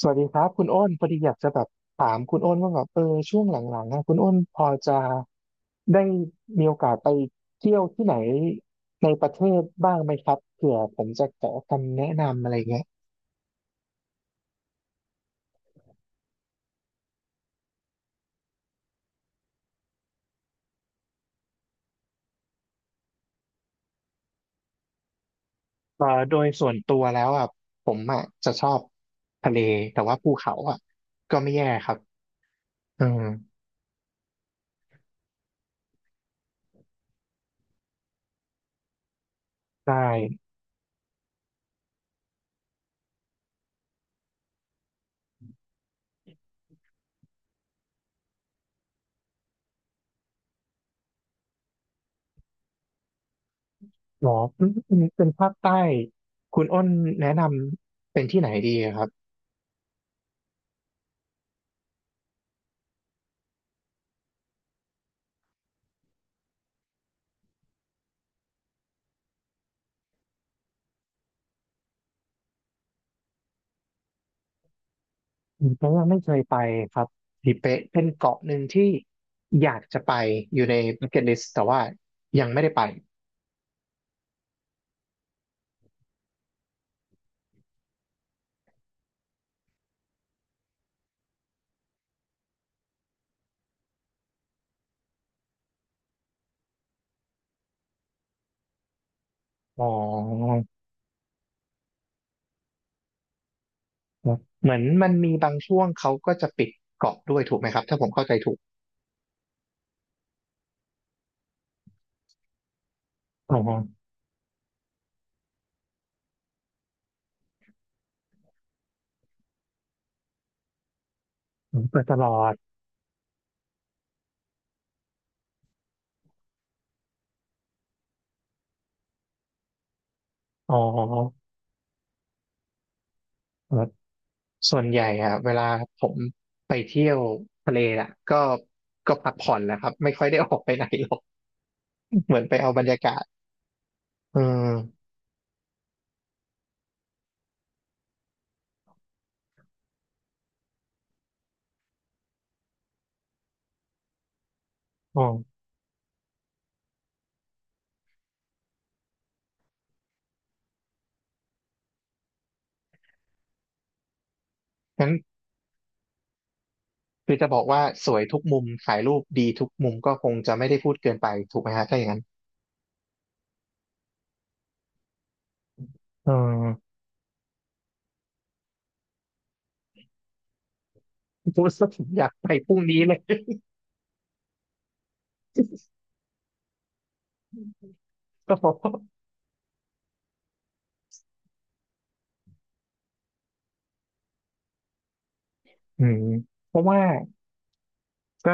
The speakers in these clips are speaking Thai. สวัสดีครับคุณอ้นพอดีอยากจะแบบถามคุณอ้นว่าแบบช่วงหลังๆนะคุณอ้นพอจะได้มีโอกาสไปเที่ยวที่ไหนในประเทศบ้างไหมครับเผื่อผมจะขอคำแนะนำอะไรเงี้ยโดยส่วนตัวแล้วอ่ะผมอ่ะจะชอบทะเลแต่ว่าภูเขาอ่ะก็ไม่แย่ครับอืมได้หรอเป็นภาคใต้คุณอ้นแนะนำเป็นที่ไหนดีครับ ผมเพราะยังไม่เคยไปครับทิเป๊ะเป็นเกาะหนึ่งที่อยากจะไปอยู่ใน Bucket List แต่ว่ายังไม่ได้ไปอ๋อเหมือนมันมีบางช่วงเขาก็จะปิดเกาะด้วยถูกไหมครับถ้าผมเข้าใจถูกอ๋อเปิดตลอดอ๋อครับส่วนใหญ่อะเวลาผมไปเที่ยวทะเลอ่ะก็ก็พักผ่อนแหละครับไม่ค่อยได้ออกไปไหนหรอกเหมือนไปเอาบรรยากาศเอออ๋องั้น คือจะบอกว่าสวยทุกมุมถ่ายรูปดีทุกมุมก็คงจะไม่ได้พูดเกินไปถูกไหมฮะถ้าอย่างนั้นเออ พูดซะผมอยากไปพรุ่งนี้เลย ก็เพราะอืมเพราะว่า ก็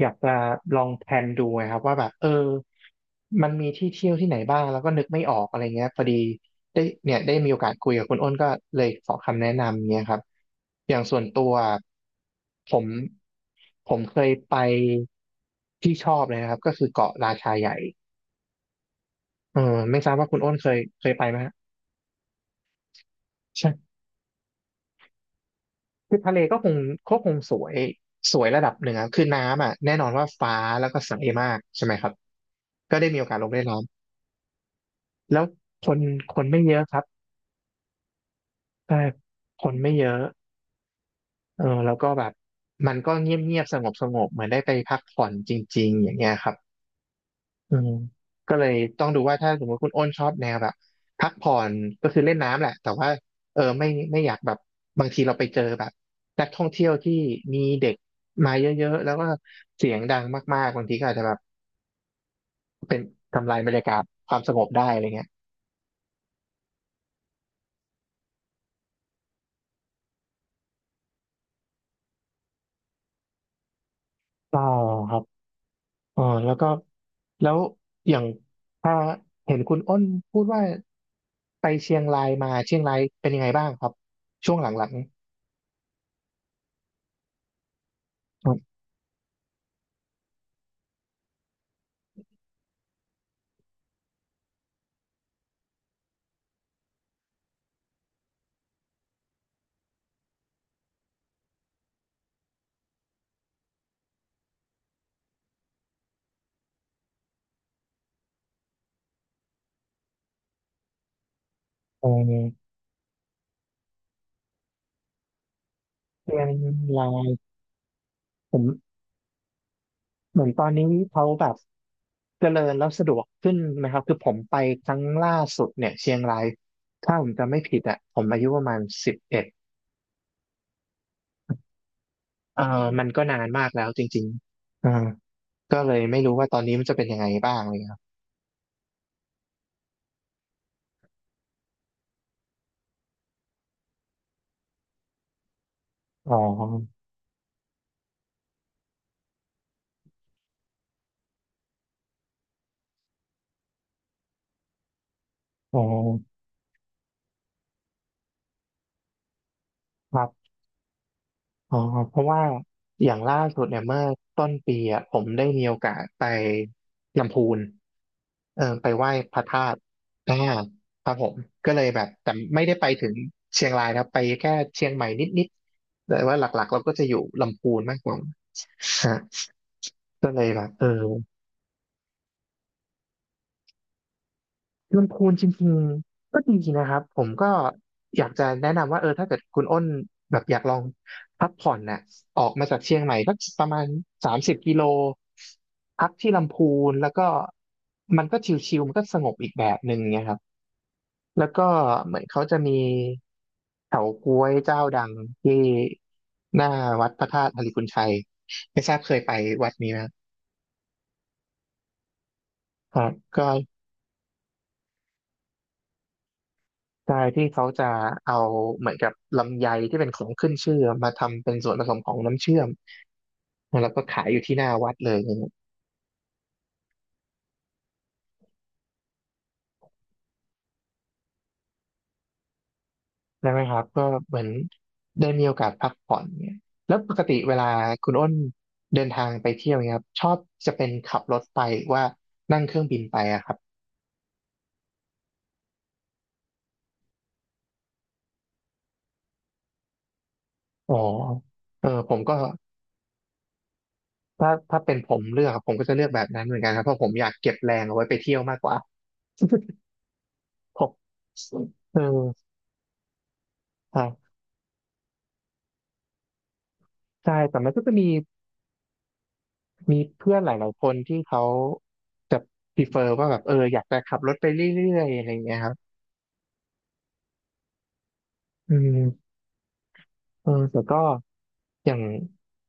อยากจะลองแพลนดูไงครับว่าแบบมันมีที่เที่ยวที่ไหนบ้างแล้วก็นึกไม่ออกอะไรเงี้ยพอดีได้เนี่ยได้มีโอกาสคุยกับคุณอ้นก็เลยขอคำแนะนำเงี้ยครับอย่างส่วนตัวผมผมเคยไปที่ชอบเลยนะครับก็คือเกาะราชาใหญ่เออไม่ทราบว่าคุณอ้นเคยไปไหมฮะใช่คือทะเลก็คงก็คงสวยสวยระดับหนึ่งอะคือน้ำอ่ะแน่นอนว่าฟ้าแล้วก็ใสมากใช่ไหมครับก็ได้มีโอกาสลงเล่นน้ แล้วคนคนไม่เยอะครับใช่คนไม่เยอะแล้วก็แบบมันก็เงียบเงียบสงบสงบเหมือนได้ไปพักผ่อนจริงๆอย่างเงี้ยครับอืมก็เลยต้องดูว่าถ้าสมมติคุณอ้นชอบแนวแบบพักผ่อนก็คือเล่นน้ำแหละแต่ว่าเออไม่อยากแบบบางทีเราไปเจอแบบนักท่องเที่ยวที่มีเด็กมาเยอะๆแล้วก็เสียงดังมากๆบางทีก็อาจจะแบบเป็นทำลายบรรยากาศความสงบได้อะไรเงี้ยอ๋อ่ครับ อ๋อแล้วก็แล้วอย่างถ้าเห็นคุณอ้นพูดว่าไปเชียงรายมาเชียงรายเป็นยังไงบ้างครับช่วงหลังๆครับเออเชียงรายผมเหมือนตอนนี้เขาแบบเจริญแล้วสะดวกขึ้นนะครับคือผมไปครั้งล่าสุดเนี่ยเชียงรายถ้าผมจำไม่ผิดอ่ะผมอายุประมาณ11เออมันก็นานมากแล้วจริงๆอ่าก็เลยไม่รู้ว่าตอนนี้มันจะเป็นยังไงบ้างเลยครับอ๋ออ๋อครับ อ๋อเพราะว่าอย่างล่าสุดเนี่ยเมื่อต้นปีอ่ะผมได้มีโอกาสไปลำพูนไปไหว้พระธาตุอ่าครับผมก็เลยแบบแต่ไม่ได้ไปถึงเชียงรายนะครับไปแค่เชียงใหม่นิดๆแต่ว่าหลักๆเราก็จะอยู่ลำพูนมากกว่าฮะก็เลยแบบเออ ลำพูนจริงๆก็ดีนะครับผมก็อยากจะแนะนำว่าถ้าเกิดคุณอ้นแบบอยากลองพักผ่อนน่ะออกมาจากเชียงใหม่ก็ประมาณ30 กิโลพักที่ลำพูนแล้วก็มันก็ชิลๆมันก็สงบอีกแบบหนึ่งเนะครับแล้วก็เหมือนเขาจะมีเฉาก๊วยเจ้าดังที่หน้าวัดพระธาตุอาริพุนชัยไม่ทราบเคยไปวัดนี้ไหมครับครับก็ ใช่ที่เขาจะเอาเหมือนกับลำไยที่เป็นของขึ้นชื่อมาทำเป็นส่วนผสมของน้ำเชื่อมแล้วก็ขายอยู่ที่หน้าวัดเลยอย่างเงี้ยได้ไหมครับก็เหมือนได้มีโอกาสพักผ่อนเนี่ยแล้วปกติเวลาคุณอ้นเดินทางไปเที่ยวเนี่ยครับชอบจะเป็นขับรถไปหรือว่านั่งเครื่องบินไปอะครับอ๋อผมก็ถ้าเป็นผมเลือกอะผมก็จะเลือกแบบนั้นเหมือนกันครับเพราะผมอยากเก็บแรงเอาไว้ไปเที่ยวมากกว่า ผมเออครับใช่แต่มันก็จะมี มีเพื่อนหลายๆคนที่เขาจะ prefer ว่าแบบอยากจะขับรถไปเรื่อยๆอะไรอย่างเงี้ยครับอืมแต่ก็อย่าง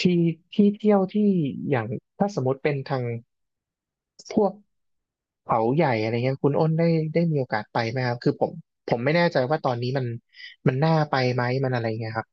ที่ที่เที่ยวที่อย่างถ้าสมมติเป็นทางพวกเขาใหญ่อะไรเงี้ยคุณอ้นได้มีโอกาสไปไหมครับคือผมไม่แน่ใจว่าตอนนี้มันน่าไปไหมมันอะไรเงี้ยครับ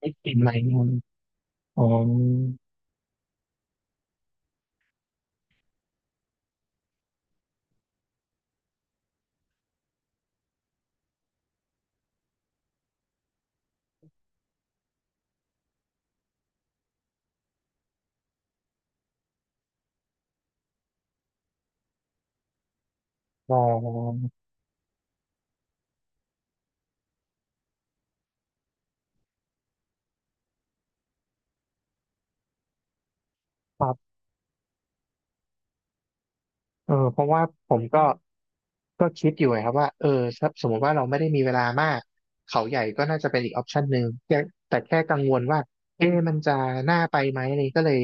ได้กินไหมอ๋ออ๋อครับ เพราะว่าผมก็ก็คิดอยู่ไงครับว่าถ้าสมมติว่าเราไม่ได้มีเวลามากเขาใหญ่ก็น่าจะเป็นอีกออปชันหนึ่งแต่แค่กังวลว่าเอ๊ะมันจะน่าไปไหมอะไรก็เลย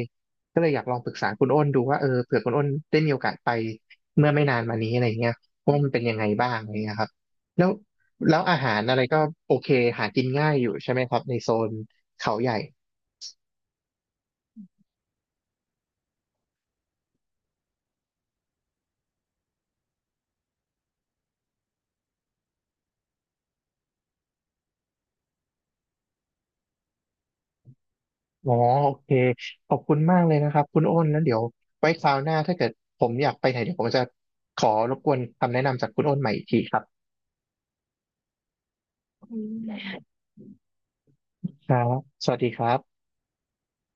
อยากลองปรึกษาคุณอ้นดูว่าเผื่อคุณอ้นได้มีโอกาสไปเมื่อไม่นานมานี้อะไรเงี้ยว่ามันเป็นยังไงบ้างอะไรเงี้ยครับแล้วแล้วอาหารอะไรก็โอเคหากินง่ายอยู่ใช่ไหมครับในโซนเขาใหญ่ อ๋อโอเคขอบคุณมากเลยนะครับคุณอ้นแล้วเดี๋ยวไว้คราวหน้าถ้าเกิดผมอยากไปไหนเดี๋ยวผมจะขอรบกวนคำแนะนำจากคุณอ้นใหม่อีกทีครับอืมครับสวัสดีครับ